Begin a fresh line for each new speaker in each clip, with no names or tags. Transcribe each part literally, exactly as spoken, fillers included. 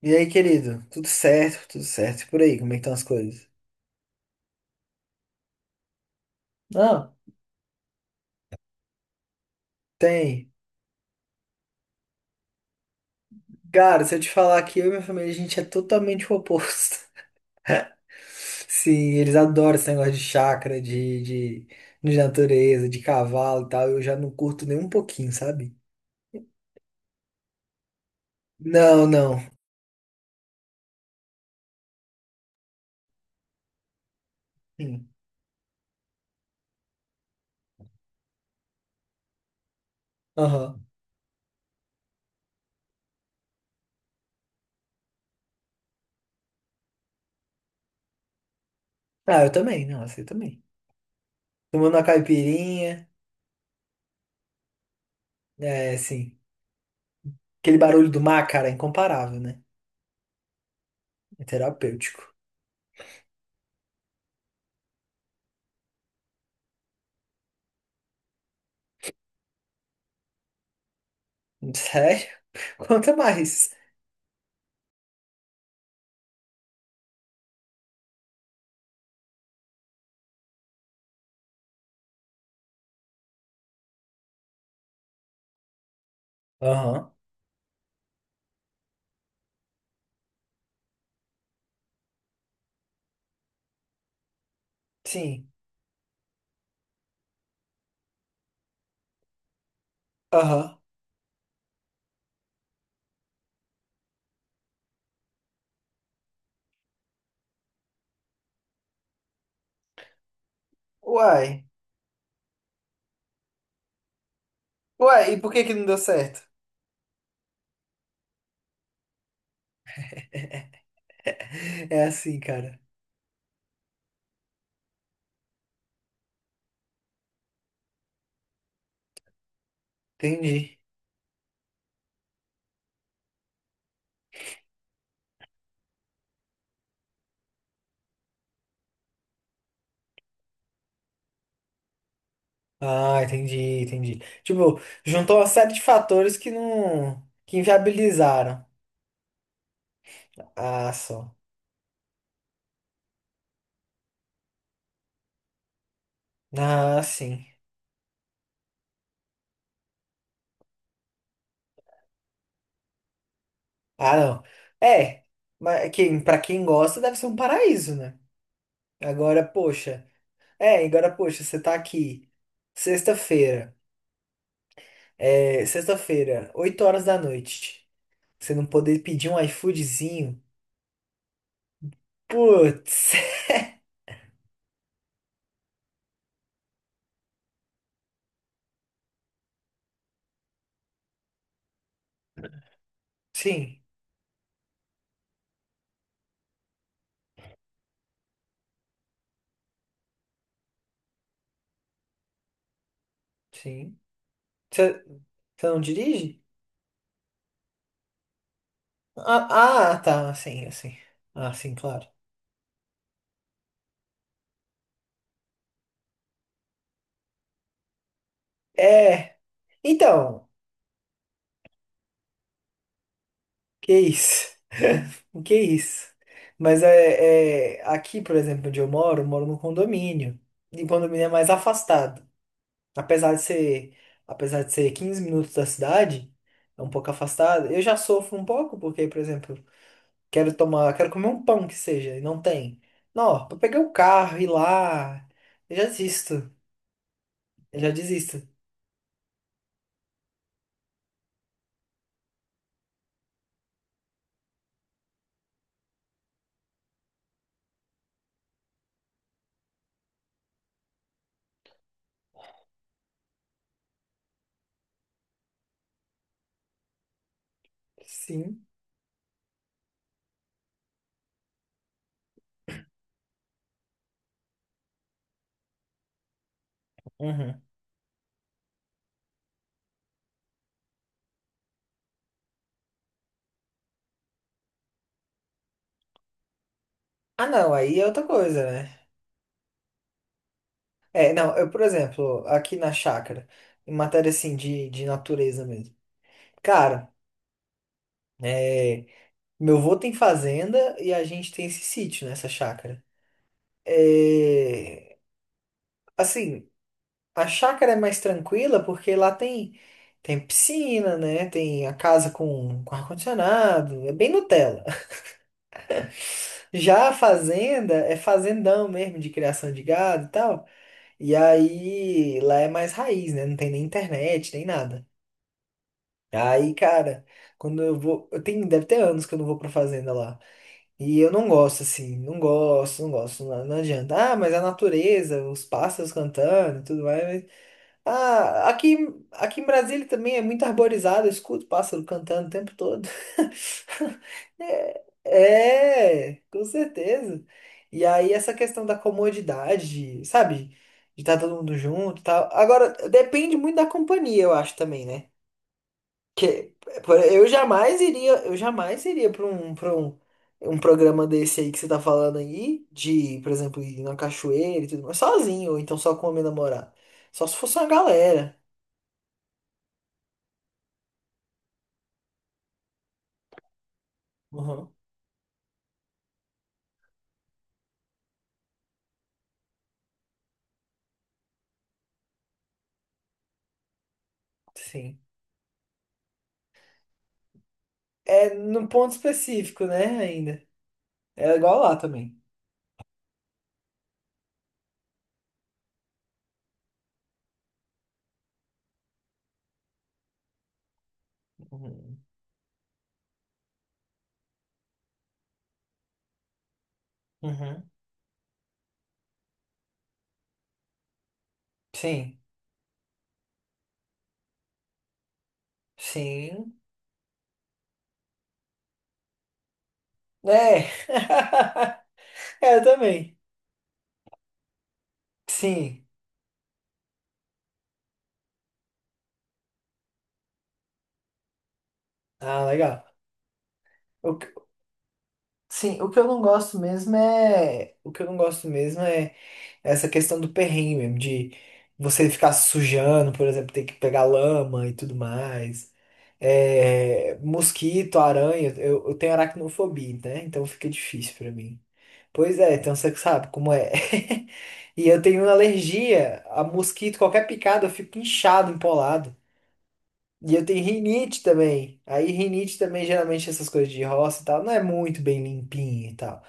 E aí, querido? Tudo certo, tudo certo. E por aí, como é que estão as coisas? Não, tem. Cara, se eu te falar que eu e minha família, a gente é totalmente o oposto. Sim, eles adoram esse negócio de chácara, de, de, de natureza, de cavalo e tal. Eu já não curto nem um pouquinho, sabe? Não, não. Sim. Aham. Ah, eu também, não, eu também. Tomando uma caipirinha, é assim. Aquele barulho do mar, cara, é incomparável, né? É terapêutico. Sério? Conta mais. Aham. Sim. Aham. Uai. Uai, e por que que não deu certo? É assim, cara. Entendi. Ah, entendi, entendi. Tipo, juntou uma série de fatores que não, que inviabilizaram a ação. Ah, sim. Ah, não. É, mas quem, pra quem gosta deve ser um paraíso, né? Agora, poxa. É, agora, poxa, você tá aqui. Sexta-feira. É, sexta-feira, oito horas da noite. Você não poder pedir um iFoodzinho. Putz. Sim, sim. Você você não dirige? Ah, ah, tá, sim, assim. Ah, sim, claro. É, então, que isso? Que isso? Mas é, é, aqui, por exemplo, onde eu moro, eu moro num condomínio. E o condomínio é mais afastado. Apesar de ser, apesar de ser quinze minutos da cidade, é um pouco afastado. Eu já sofro um pouco porque, por exemplo, quero tomar, quero comer um pão que seja, e não tem. Não, pra pegar o carro e ir lá, eu já desisto. Eu já desisto. Sim. Uhum. Ah, não, aí é outra coisa, né? É, não, eu, por exemplo, aqui na chácara, em matéria assim de, de natureza mesmo. Cara, é, meu avô tem fazenda e a gente tem esse sítio nessa chácara. É, assim, a chácara é mais tranquila porque lá tem tem piscina, né? Tem a casa com, com ar-condicionado, é bem Nutella. Já a fazenda é fazendão mesmo de criação de gado e tal. E aí, lá é mais raiz, né? Não tem nem internet, nem nada. Aí, cara, quando eu vou. Eu tenho, deve ter anos que eu não vou pra fazenda lá. E eu não gosto, assim, não gosto, não gosto, não, não adianta. Ah, mas a natureza, os pássaros cantando e tudo mais, ah, aqui, aqui em Brasília também é muito arborizado, eu escuto pássaro cantando o tempo todo. É, é, com certeza. E aí essa questão da comodidade, sabe? De estar todo mundo junto e tal. Agora, depende muito da companhia, eu acho também, né? Que por- eu jamais iria, eu jamais iria para um, para um, um programa desse aí que você tá falando aí, de, por exemplo, ir na cachoeira e tudo mais, sozinho, ou então só com a minha namorada. Só se fosse uma galera. Uhum, sim. É num ponto específico, né? Ainda. É igual lá também. Uhum. Uhum. Sim. Sim. É. É, eu também. Sim. Ah, legal. O que- sim, o que eu não gosto mesmo é. O que eu não gosto mesmo é essa questão do perrengue mesmo, de você ficar se sujando, por exemplo, ter que pegar lama e tudo mais. É, mosquito, aranha. Eu, eu tenho aracnofobia, né? Então fica difícil pra mim. Pois é, então você sabe como é. E eu tenho alergia a mosquito, qualquer picada eu fico inchado, empolado. E eu tenho rinite também. Aí rinite também, geralmente essas coisas de roça e tal, não é muito bem limpinha e tal.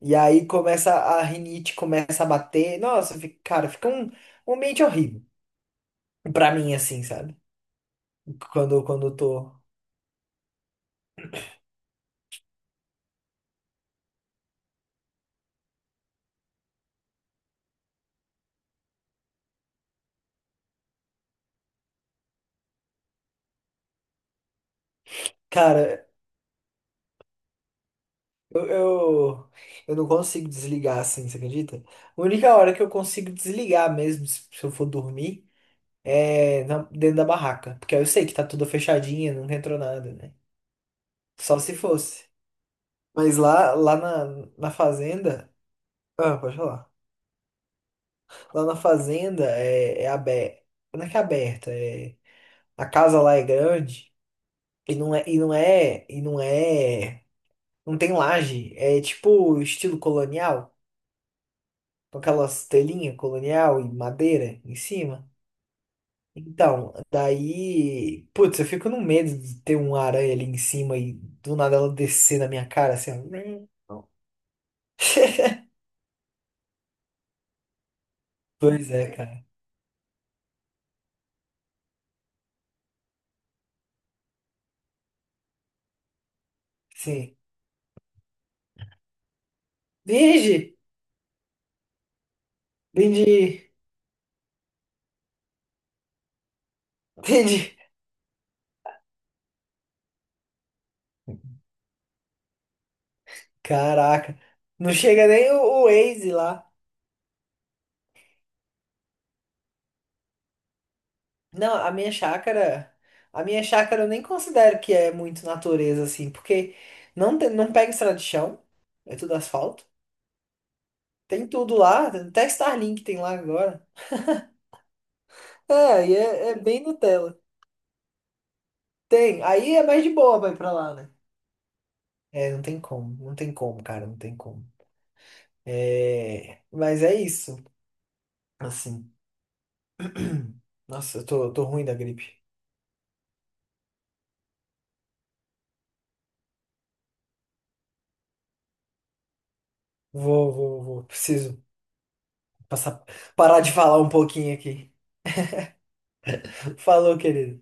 E aí começa a rinite, começa a bater. Nossa, fica- cara, fica um, um ambiente horrível. Pra mim, assim, sabe? Quando, quando eu tô. Cara, eu, eu, eu não consigo desligar assim, você acredita? A única hora que eu consigo desligar mesmo, se se eu for dormir. É, na- dentro da barraca. Porque aí eu sei que tá tudo fechadinho, nunca entrou nada, né? Só se fosse. Mas lá, lá na, na fazenda. Ah, pode falar. Lá na fazenda é, é aberta. Não é que é aberta, é. A casa lá é grande e não é, e não é, e não é, não tem laje, é tipo estilo colonial, com aquelas telinhas colonial e madeira em cima. Então, daí, putz, eu fico no medo de ter uma aranha ali em cima e do nada ela descer na minha cara assim. Ó. Pois é, cara. Sim. Vige! Entendi! Entendi! Caraca! Não chega nem o, o Waze lá. Não, a minha chácara. A minha chácara eu nem considero que é muito natureza, assim, porque não, tem- não pega estrada de chão, é tudo asfalto. Tem tudo lá, até Starlink tem lá agora. É, e é, é bem Nutella. Tem. Aí é mais de boa pra ir pra lá, né? É, não tem como. Não tem como, cara. Não tem como. É. Mas é isso. Assim. Nossa, eu tô, eu tô ruim da gripe. Vou, vou, vou. Preciso passar... parar de falar um pouquinho aqui. Falou, querido.